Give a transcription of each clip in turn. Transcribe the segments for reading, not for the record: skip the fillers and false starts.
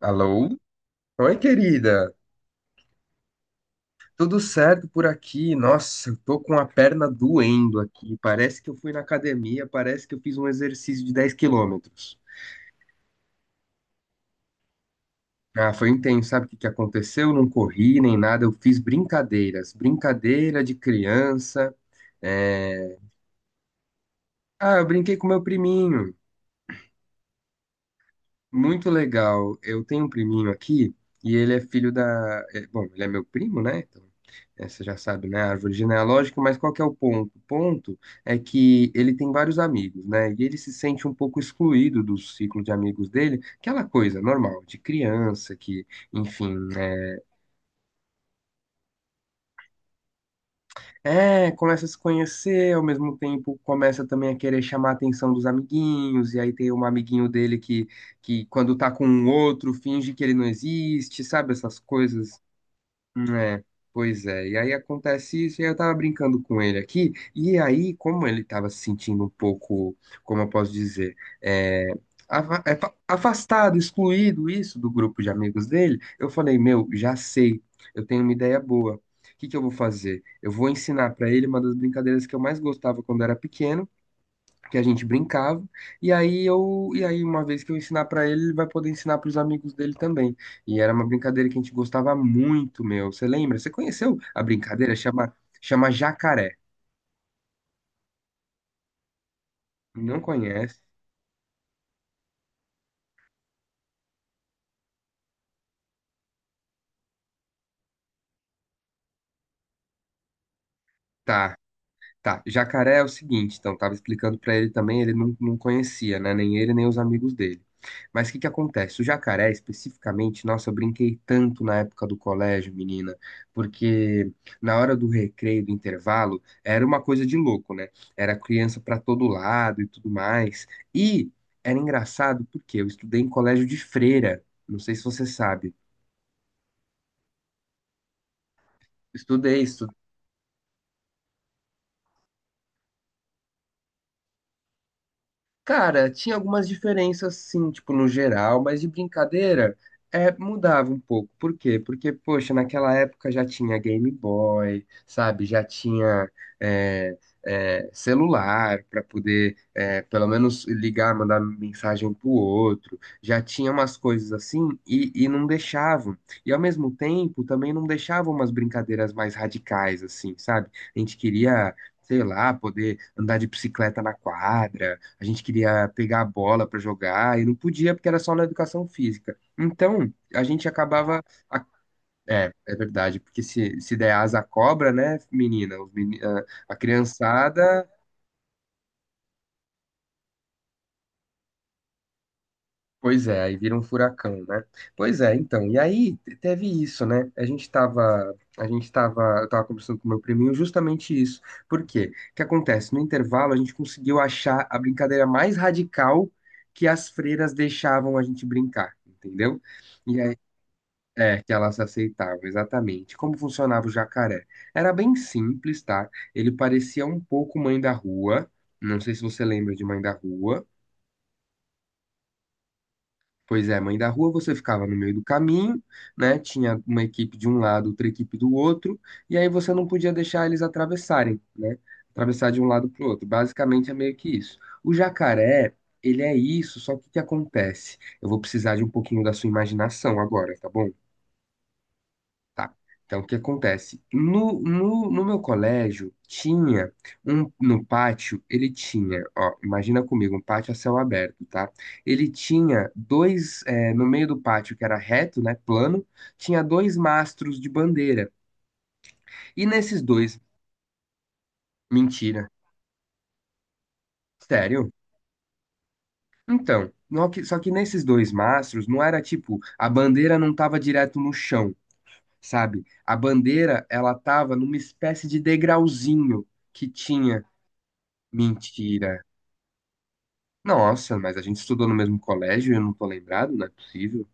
Alô? Oi, querida. Tudo certo por aqui? Nossa, eu tô com a perna doendo aqui. Parece que eu fui na academia, parece que eu fiz um exercício de 10 km. Ah, foi intenso. Sabe o que que aconteceu? Eu não corri nem nada, eu fiz brincadeiras. Brincadeira de criança. É... Ah, eu brinquei com meu priminho. Muito legal. Eu tenho um priminho aqui e ele é filho da. Bom, ele é meu primo, né? Então, você já sabe, né? Árvore genealógica, mas qual que é o ponto? O ponto é que ele tem vários amigos, né? E ele se sente um pouco excluído do ciclo de amigos dele, aquela coisa normal, de criança que, enfim, né? É, começa a se conhecer, ao mesmo tempo começa também a querer chamar a atenção dos amiguinhos, e aí tem um amiguinho dele que quando tá com um outro finge que ele não existe, sabe? Essas coisas. É, pois é. E aí acontece isso, e aí eu tava brincando com ele aqui, e aí, como ele tava se sentindo um pouco, como eu posso dizer, é, afastado, excluído isso do grupo de amigos dele, eu falei, meu, já sei, eu tenho uma ideia boa. O que que eu vou fazer? Eu vou ensinar pra ele uma das brincadeiras que eu mais gostava quando era pequeno, que a gente brincava. E aí uma vez que eu ensinar pra ele, ele vai poder ensinar pros amigos dele também. E era uma brincadeira que a gente gostava muito, meu. Você lembra? Você conheceu a brincadeira? Chama Jacaré. Não conhece? Tá. Tá, jacaré é o seguinte, então, tava explicando pra ele também, ele não conhecia, né? Nem ele, nem os amigos dele. Mas o que que acontece? O jacaré, especificamente, nossa, eu brinquei tanto na época do colégio, menina, porque na hora do recreio, do intervalo, era uma coisa de louco, né? Era criança pra todo lado e tudo mais. E era engraçado porque eu estudei em colégio de freira, não sei se você sabe. Estudei. Cara, tinha algumas diferenças sim, tipo, no geral, mas de brincadeira, mudava um pouco. Por quê? Porque, poxa, naquela época já tinha Game Boy, sabe? Já tinha é, celular para poder, pelo menos, ligar, mandar mensagem um pro outro. Já tinha umas coisas assim e não deixavam. E, ao mesmo tempo, também não deixavam umas brincadeiras mais radicais, assim, sabe? A gente queria... Sei lá, poder andar de bicicleta na quadra, a gente queria pegar a bola para jogar e não podia porque era só na educação física. Então, a gente acabava. a- É, é verdade, porque se der asa à cobra, né, menina? Os meni- a criançada. Pois é, aí vira um furacão, né? Pois é, então. E aí teve isso, né? A gente tava. A gente tava. Eu tava conversando com o meu priminho justamente isso. Por quê? O que acontece? No intervalo, a gente conseguiu achar a brincadeira mais radical que as freiras deixavam a gente brincar, entendeu? E é, que elas aceitavam, exatamente. Como funcionava o jacaré? Era bem simples, tá? Ele parecia um pouco Mãe da Rua. Não sei se você lembra de Mãe da Rua. Pois é, Mãe da Rua, você ficava no meio do caminho, né? Tinha uma equipe de um lado, outra equipe do outro, e aí você não podia deixar eles atravessarem, né? Atravessar de um lado para o outro. Basicamente é meio que isso. O jacaré, ele é isso, só que o que acontece? Eu vou precisar de um pouquinho da sua imaginação agora, tá bom? Tá. Então, o que acontece? No meu colégio, tinha um, no pátio, ele tinha, ó, imagina comigo, um pátio a céu aberto, tá? Ele tinha dois, no meio do pátio, que era reto, né, plano, tinha dois mastros de bandeira. E nesses dois, mentira, sério? Então, no que- só que nesses dois mastros, não era tipo, a bandeira não tava direto no chão, sabe? A bandeira, ela tava numa espécie de degrauzinho que tinha. Mentira. Nossa, mas a gente estudou no mesmo colégio e eu não tô lembrado, não é possível.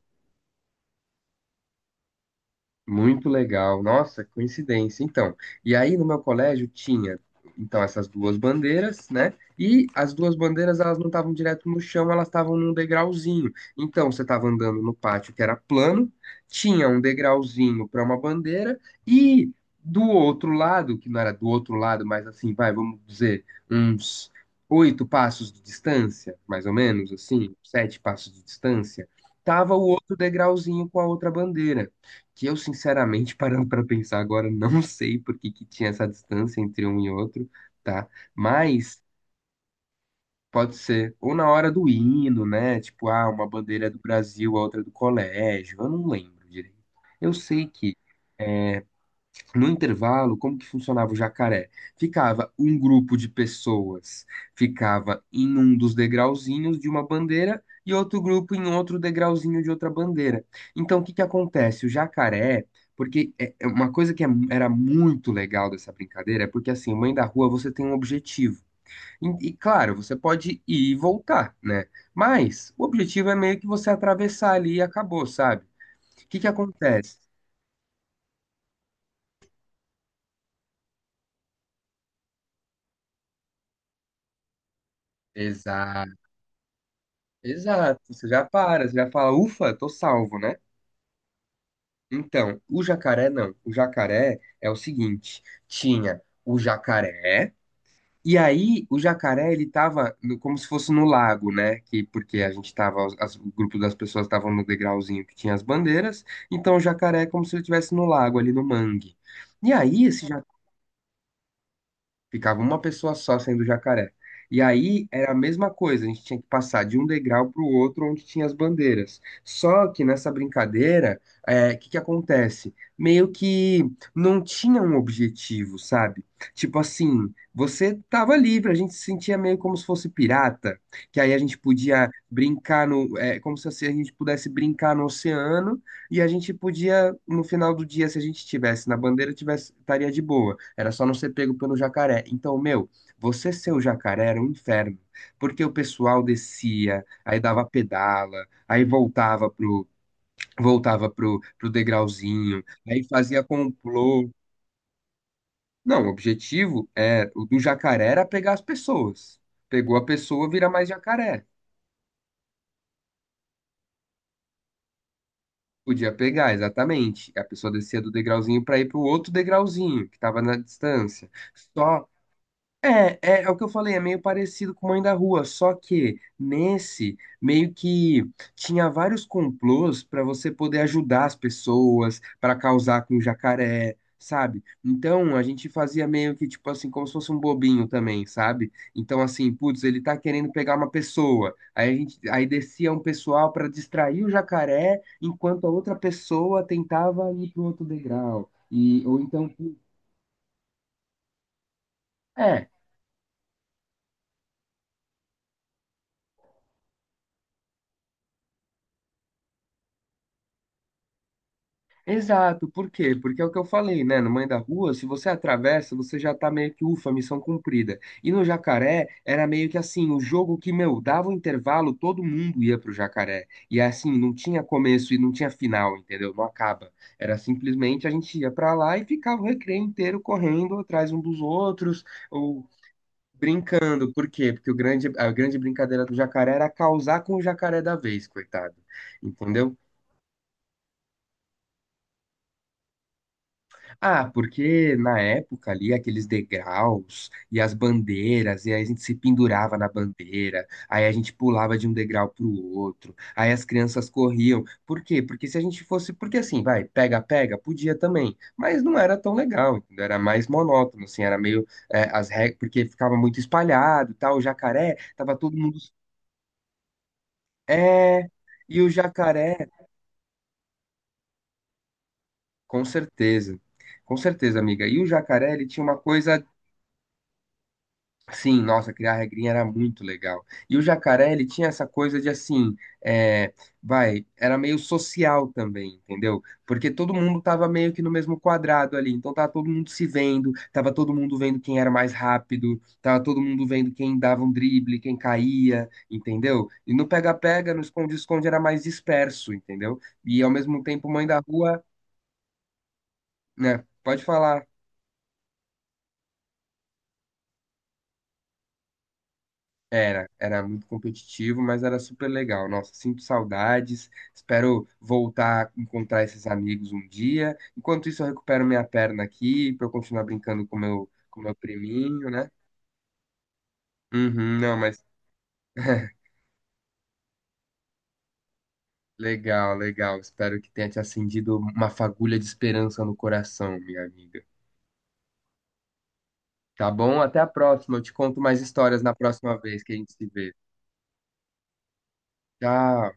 Muito legal. Nossa, coincidência. Então, e aí no meu colégio tinha, então, essas duas bandeiras, né? E as duas bandeiras, elas não estavam direto no chão, elas estavam num degrauzinho. Então, você estava andando no pátio que era plano, tinha um degrauzinho para uma bandeira e do outro lado, que não era do outro lado, mas assim, vai, vamos dizer, uns oito passos de distância, mais ou menos, assim, sete passos de distância, tava o outro degrauzinho com a outra bandeira que eu, sinceramente, parando para pensar agora, não sei por que que tinha essa distância entre um e outro, tá? Mas pode ser ou na hora do hino, né? Tipo, ah, uma bandeira é do Brasil, a outra é do colégio, eu não lembro direito. Eu sei que no intervalo, como que funcionava o jacaré? Ficava um grupo de pessoas, ficava em um dos degrauzinhos de uma bandeira e outro grupo em outro degrauzinho de outra bandeira. Então, o que que acontece? O jacaré, porque é uma coisa que era muito legal dessa brincadeira é porque assim, mãe da rua, você tem um objetivo. E, claro, você pode ir e voltar, né? Mas o objetivo é meio que você atravessar ali e acabou, sabe? O que que acontece? Exato, você já para, você já fala, ufa, tô salvo, né? Então, o jacaré não. O jacaré é o seguinte, tinha o jacaré, e aí o jacaré ele tava como se fosse no lago, né? Que porque a gente tava, o grupo das pessoas estavam no degrauzinho que tinha as bandeiras, então o jacaré é como se ele estivesse no lago ali no mangue. E aí esse. Ficava uma pessoa só sendo jacaré. E aí era a mesma coisa, a gente tinha que passar de um degrau para o outro onde tinha as bandeiras. Só que nessa brincadeira, o que que acontece? Meio que não tinha um objetivo, sabe? Tipo assim, você tava livre, a gente se sentia meio como se fosse pirata, que aí a gente podia brincar no, como se assim a gente pudesse brincar no oceano e a gente podia, no final do dia, se a gente tivesse na bandeira, tivesse, estaria de boa. Era só não ser pego pelo jacaré. Então, meu, você ser o jacaré era um inferno. Porque o pessoal descia, aí dava pedala, aí voltava pro, voltava pro degrauzinho, aí fazia complô. Não, o objetivo é, o do jacaré era pegar as pessoas. Pegou a pessoa, vira mais jacaré. Podia pegar, exatamente. A pessoa descia do degrauzinho para ir para o outro degrauzinho, que estava na distância. Só é o que eu falei, é meio parecido com Mãe da Rua, só que nesse meio que tinha vários complôs para você poder ajudar as pessoas, para causar com o jacaré, sabe? Então a gente fazia meio que tipo assim, como se fosse um bobinho também, sabe? Então assim, putz, ele tá querendo pegar uma pessoa. Aí a gente, aí descia um pessoal para distrair o jacaré, enquanto a outra pessoa tentava ir pro outro degrau. E ou então, é exato, por quê? Porque é o que eu falei, né? No Mãe da Rua, se você atravessa, você já tá meio que, ufa, missão cumprida. E no Jacaré, era meio que assim, o jogo que, meu, dava o intervalo, todo mundo ia pro Jacaré. E assim, não tinha começo e não tinha final, entendeu? Não acaba. Era simplesmente a gente ia pra lá e ficava o recreio inteiro correndo atrás um dos outros, ou brincando. Por quê? Porque o grande, a grande brincadeira do Jacaré era causar com o Jacaré da vez, coitado. Entendeu? Ah, porque na época ali, aqueles degraus e as bandeiras, e aí a gente se pendurava na bandeira, aí a gente pulava de um degrau pro outro, aí as crianças corriam. Por quê? Porque se a gente fosse, porque assim, vai, pega, pega, podia também, mas não era tão legal, entendeu? Era mais monótono, assim, era meio, as regras, porque ficava muito espalhado e tal, o jacaré, tava todo mundo, é, e o jacaré, com certeza. Com certeza, amiga. E o jacaré, ele tinha uma coisa. Sim, nossa, criar regrinha era muito legal. E o jacaré, ele tinha essa coisa de assim, é, vai, era meio social também, entendeu? Porque todo mundo tava meio que no mesmo quadrado ali, então tava todo mundo se vendo, tava todo mundo vendo quem era mais rápido, tava todo mundo vendo quem dava um drible, quem caía, entendeu? E no pega-pega, no esconde-esconde era mais disperso, entendeu? E ao mesmo tempo, mãe da rua, né? Pode falar. Era, era muito competitivo, mas era super legal. Nossa, sinto saudades. Espero voltar a encontrar esses amigos um dia. Enquanto isso, eu recupero minha perna aqui para eu continuar brincando com meu priminho, né? Uhum, não, mas legal, legal. Espero que tenha te acendido uma fagulha de esperança no coração, minha amiga. Tá bom? Até a próxima. Eu te conto mais histórias na próxima vez que a gente se vê. Tchau.